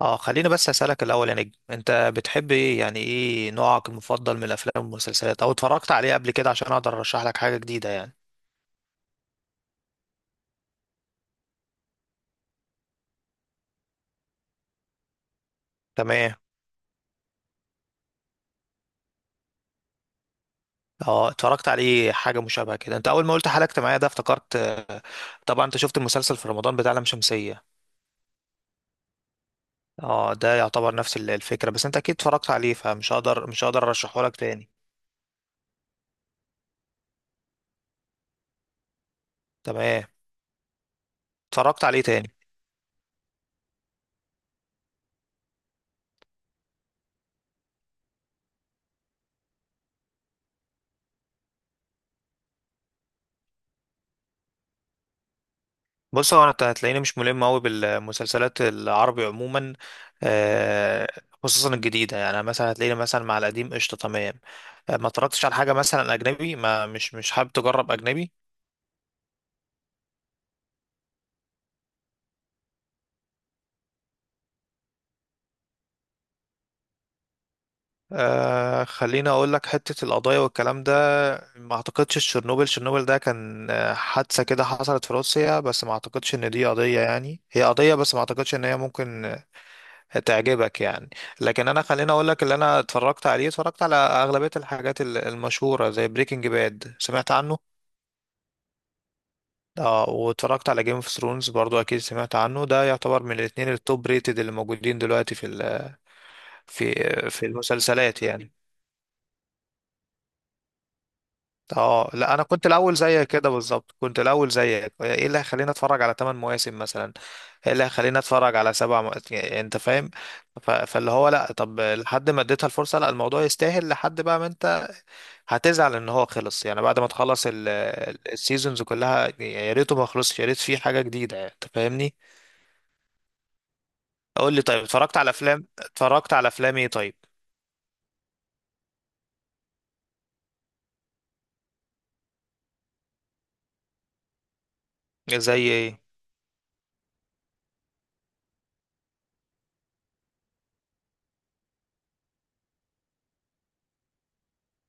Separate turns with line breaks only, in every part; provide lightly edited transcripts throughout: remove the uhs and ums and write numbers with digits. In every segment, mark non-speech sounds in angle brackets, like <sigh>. اه خليني بس اسالك الاول يا نجم، انت بتحب ايه؟ يعني ايه نوعك المفضل من الافلام والمسلسلات او اتفرجت عليه قبل كده عشان اقدر ارشح لك حاجه جديده يعني. تمام. اه اتفرجت عليه حاجه مشابهه كده، انت اول ما قلت حلقت معايا ده افتكرت. طبعا انت شفت المسلسل في رمضان بتاع لام شمسيه. اه ده يعتبر نفس الفكره، بس انت اكيد اتفرجت عليه فمش هقدر مش هقدر ارشحه لك تاني. تمام. اتفرجت عليه تاني. بص هو انا هتلاقيني مش ملم قوي بالمسلسلات العربي عموما، آه، خصوصا الجديده. يعني مثلا هتلاقيني مثلا مع القديم قشطه، تمام. ما اتفرجتش على حاجه مثلا اجنبي؟ ما مش حابب تجرب اجنبي؟ آه خليني اقول لك. حته القضايا والكلام ده ما اعتقدش. تشيرنوبل، ده كان حادثه كده حصلت في روسيا، بس ما اعتقدش ان دي قضيه، يعني هي قضيه بس ما اعتقدش ان هي ممكن تعجبك يعني. لكن انا خليني اقول لك اللي انا اتفرجت عليه. اتفرجت على اغلبيه الحاجات المشهوره زي بريكنج باد، سمعت عنه. اه، واتفرجت على جيم اوف ثرونز برضو، اكيد سمعت عنه. ده يعتبر من الاثنين التوب ريتد اللي موجودين دلوقتي في في المسلسلات يعني. اه لا، انا كنت الاول زيك كده بالظبط، كنت الاول زيك. ايه اللي هيخليني اتفرج على 8 مواسم مثلا؟ ايه اللي هيخليني اتفرج على يعني انت فاهم. فاللي هو لا، طب لحد ما اديتها الفرصه، لا الموضوع يستاهل. لحد بقى ما انت هتزعل ان هو خلص، يعني بعد ما تخلص السيزونز كلها، يا ريته ما خلصش، يا ريت في حاجة جديدة، يعني انت فاهمني. اقول لي طيب، اتفرجت على افلام؟ اتفرجت على افلام ايه طيب؟ زي ايه؟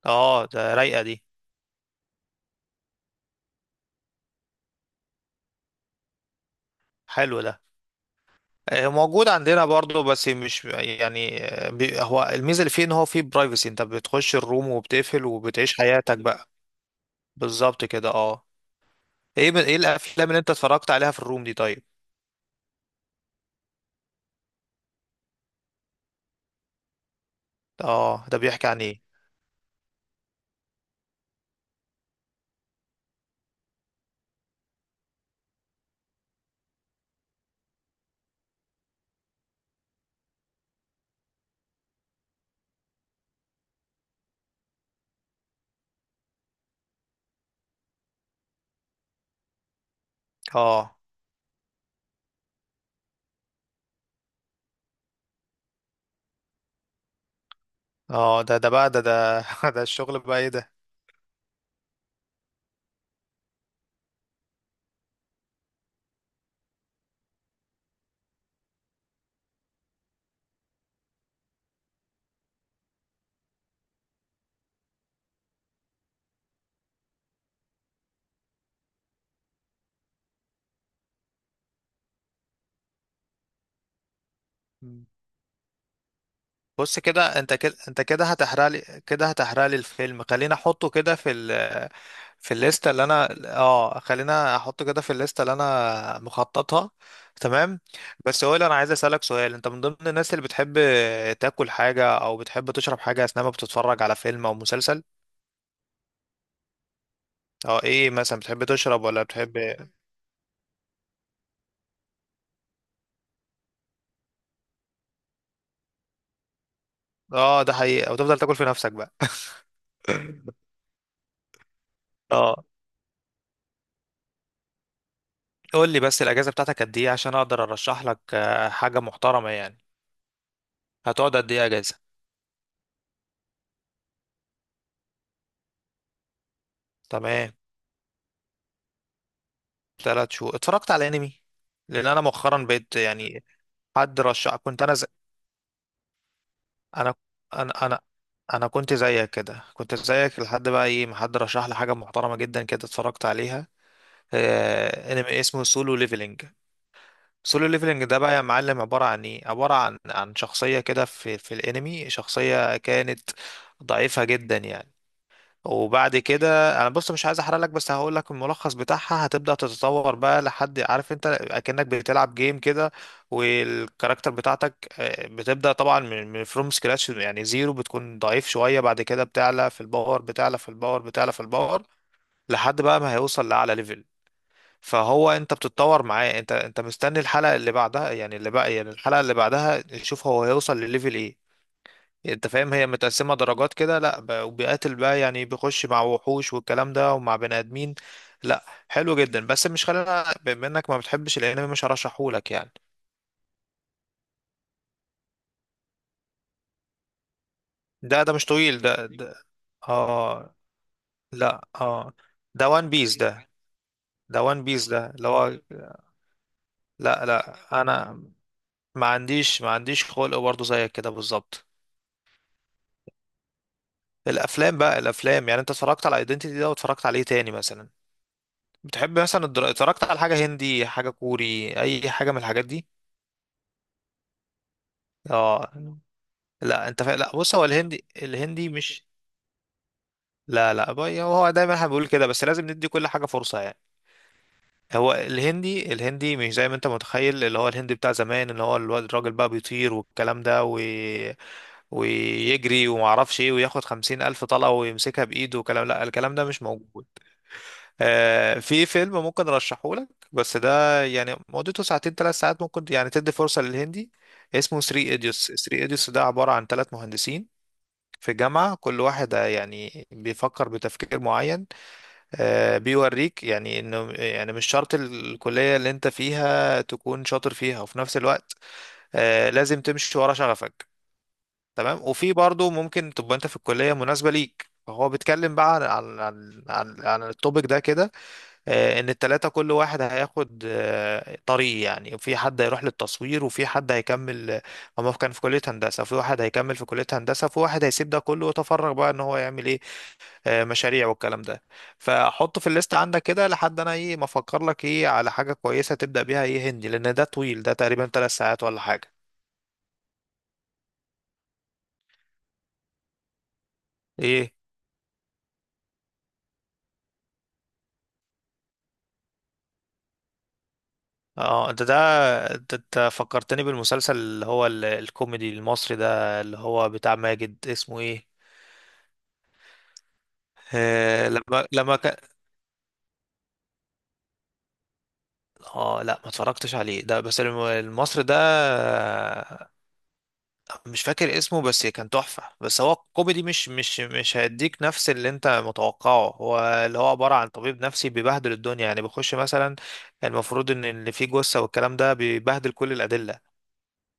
اه ده رايقة دي. حلو ده. موجود عندنا برضه، بس مش يعني، هو الميزة اللي فيه ان هو فيه برايفسي. انت بتخش الروم وبتقفل وبتعيش حياتك بقى. بالظبط كده، اه. ايه ايه الافلام اللي انت اتفرجت عليها في الروم دي طيب؟ اه ده بيحكي عن ايه؟ اه. اه ده بقى ده <laughs> ده الشغل بقى، ايه ده؟ مم. بص كده انت، كده انت كده هتحرق لي، كده هتحرق لي الفيلم. خلينا احطه كده في في الليسته اللي انا، اه خلينا احطه كده في الليسته اللي انا مخططها. تمام. بس هو اللي انا عايز اسالك سؤال، انت من ضمن الناس اللي بتحب تاكل حاجه او بتحب تشرب حاجه اثناء ما بتتفرج على فيلم او مسلسل؟ اه ايه مثلا؟ بتحب تشرب ولا بتحب؟ اه ده حقيقي؟ او تفضل تاكل في نفسك بقى؟ <laughs> اه. قول لي بس، الاجازه بتاعتك قد ايه عشان اقدر ارشح لك حاجه محترمه يعني؟ هتقعد قد ايه اجازه؟ تمام. ثلاث شهور. اتفرجت على انمي؟ لان انا مؤخرا بقيت يعني حد رشح، كنت انا انا انا انا انا كنت زيك كده، كنت زيك لحد بقى ايه ما حد رشح لي حاجه محترمه جدا كده، اتفرجت عليها. انمي اسمه سولو ليفلنج. سولو ليفلنج ده بقى يا معلم عباره عن ايه؟ عباره عن شخصيه كده في الانمي، شخصيه كانت ضعيفه جدا يعني. وبعد كده انا، بص مش عايز احرق لك، بس هقول لك الملخص بتاعها. هتبدأ تتطور بقى لحد، عارف انت اكنك بتلعب جيم كده، والكاركتر بتاعتك بتبدأ طبعا من فروم سكراتش، يعني زيرو، بتكون ضعيف شوية. بعد كده بتعلى في الباور، بتعلى في الباور، بتعلى في الباور، لحد بقى ما هيوصل لأعلى ليفل. فهو انت بتتطور معاه، انت مستني الحلقة اللي بعدها، يعني اللي بقى يعني الحلقة اللي بعدها تشوف هو هيوصل لليفل ايه. انت فاهم؟ هي متقسمة درجات كده، لا وبيقاتل بقى، يعني بيخش مع وحوش والكلام ده ومع بني ادمين. لا حلو جدا، بس مش، خلينا بما انك ما بتحبش الانمي مش هرشحهولك يعني. ده مش طويل ده، ده اه لا اه. ده وان بيس ده، ده وان بيس ده اللي هو، لا لا. انا ما عنديش خلق برضه زيك كده بالظبط. الافلام بقى، الافلام، يعني انت اتفرجت على ايدنتيتي ده واتفرجت عليه تاني مثلا؟ بتحب مثلا اتفرجت على حاجة هندي، حاجة كوري، اي حاجة من الحاجات دي؟ اه لا. لا بص، هو الهندي، الهندي مش، لا لا بقى، هو دايما احنا بنقول كده بس لازم ندي كل حاجه فرصه يعني. هو الهندي، الهندي مش زي ما انت متخيل، اللي هو الهندي بتاع زمان، اللي هو الواد الراجل بقى بيطير والكلام ويجري وما اعرفش ايه وياخد خمسين الف طلقه ويمسكها بايده وكلام، لا الكلام ده مش موجود. آه في فيلم ممكن ارشحه لك، بس ده يعني مدته ساعتين ثلاث ساعات، ممكن يعني تدي فرصه للهندي. اسمه 3 ايديوس. 3 ايديوس ده عباره عن ثلاث مهندسين في جامعة، كل واحد يعني بيفكر بتفكير معين. بيوريك يعني انه، يعني مش شرط الكلية اللي انت فيها تكون شاطر فيها، وفي نفس الوقت لازم تمشي ورا شغفك. تمام. وفي برضو ممكن تبقى انت في الكلية مناسبة ليك. فهو بيتكلم بقى عن التوبيك ده كده. ان التلاتة كل واحد هياخد طريق، يعني في حد هيروح للتصوير وفي حد هيكمل. هما كان في كلية هندسة، في واحد هيكمل في كلية هندسة، في واحد هيسيب ده كله ويتفرغ بقى ان هو يعمل ايه، مشاريع والكلام ده. فحطه في الليست عندك كده لحد انا ايه ما افكر لك ايه على حاجه كويسه تبدا بيها، ايه هندي، لان ده طويل، ده تقريبا ثلاث ساعات ولا حاجه. ايه اه. انت أنت فكرتني بالمسلسل اللي هو الكوميدي المصري ده اللي هو بتاع ماجد، اسمه ايه، آه لما كان، اه لا ما اتفرجتش عليه ده. بس المصري ده، مش فاكر اسمه، بس كان تحفة، بس هو كوميدي مش هيديك نفس اللي انت متوقعه. هو اللي هو عبارة عن طبيب نفسي بيبهدل الدنيا، يعني بيخش مثلا المفروض ان اللي فيه جثة والكلام ده، بيبهدل كل الأدلة.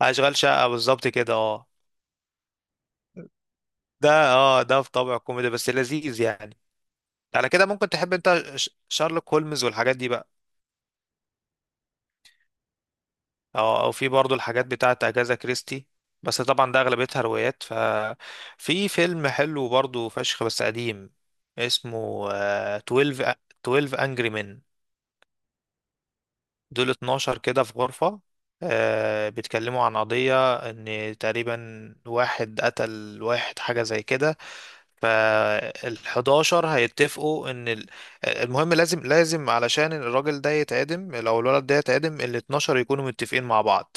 أشغال شقة بالظبط كده، اه. ده اه، ده في طابع كوميدي بس لذيذ يعني. على كده ممكن تحب انت شارلوك هولمز والحاجات دي بقى؟ او او في برضو الحاجات بتاعه اجازا كريستي، بس طبعا ده اغلبيتها روايات. ففي فيلم حلو برضو فشخ بس قديم، اسمه 12. 12 انجري مان. دول 12 كده في غرفة، بيتكلموا عن قضية ان تقريبا واحد قتل واحد، حاجة زي كده. فال11 هيتفقوا ان المهم، لازم علشان الراجل ده يتعدم، لو الولد ده يتعدم، ال12 يكونوا متفقين مع بعض.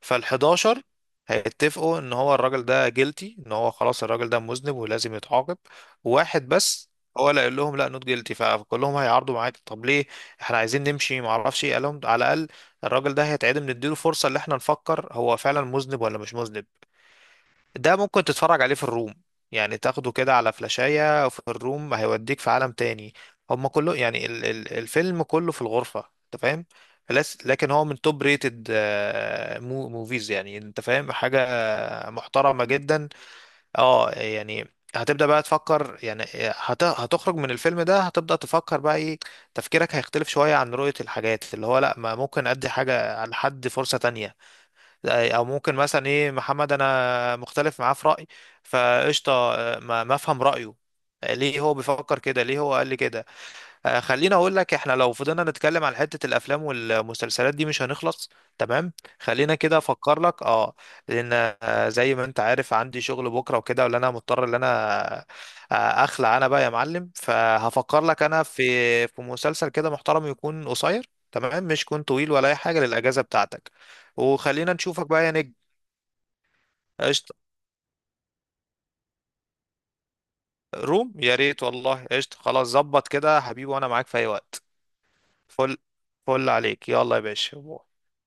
فال11 هيتفقوا ان هو الراجل ده جيلتي، ان هو خلاص الراجل ده مذنب ولازم يتعاقب. واحد بس هو اللي قال لهم لا نوت جيلتي، فكلهم هيعارضوا معاك، طب ليه، احنا عايزين نمشي ما اعرفش ايه. قال لهم، على الاقل الراجل ده هيتعدم، نديله فرصة ان احنا نفكر هو فعلا مذنب ولا مش مذنب. ده ممكن تتفرج عليه في الروم، يعني تاخده كده على فلاشاية في الروم، هيوديك في عالم تاني. هما كله، يعني ال الفيلم كله في الغرفة، انت فاهم. لكن هو من توب ريتد موفيز، يعني انت فاهم، حاجة محترمة جدا. اه يعني، هتبدأ بقى تفكر، يعني هتخرج من الفيلم ده هتبدأ تفكر بقى ايه، تفكيرك هيختلف شوية عن رؤية الحاجات، اللي هو لا ما ممكن ادي حاجة لحد فرصة تانية، او ممكن مثلا ايه، محمد انا مختلف معاه في رايي، فقشطه ما افهم رايه، ليه هو بيفكر كده، ليه هو قال لي كده. خليني اقول لك، احنا لو فضلنا نتكلم عن حتة الافلام والمسلسلات دي مش هنخلص. تمام. خلينا كده افكر لك، اه، لان زي ما انت عارف عندي شغل بكرة وكده، ولا انا مضطر ان انا اخلع انا بقى يا معلم. فهفكر لك انا في، في مسلسل كده محترم يكون قصير، تمام، مش يكون طويل ولا اي حاجة للاجازة بتاعتك. وخلينا نشوفك بقى يا نجم. قشطة. روم يا ريت، والله قشطة، خلاص ظبط كده يا حبيبي، وانا معاك في اي وقت. فل، فل عليك، يلا يا باشا.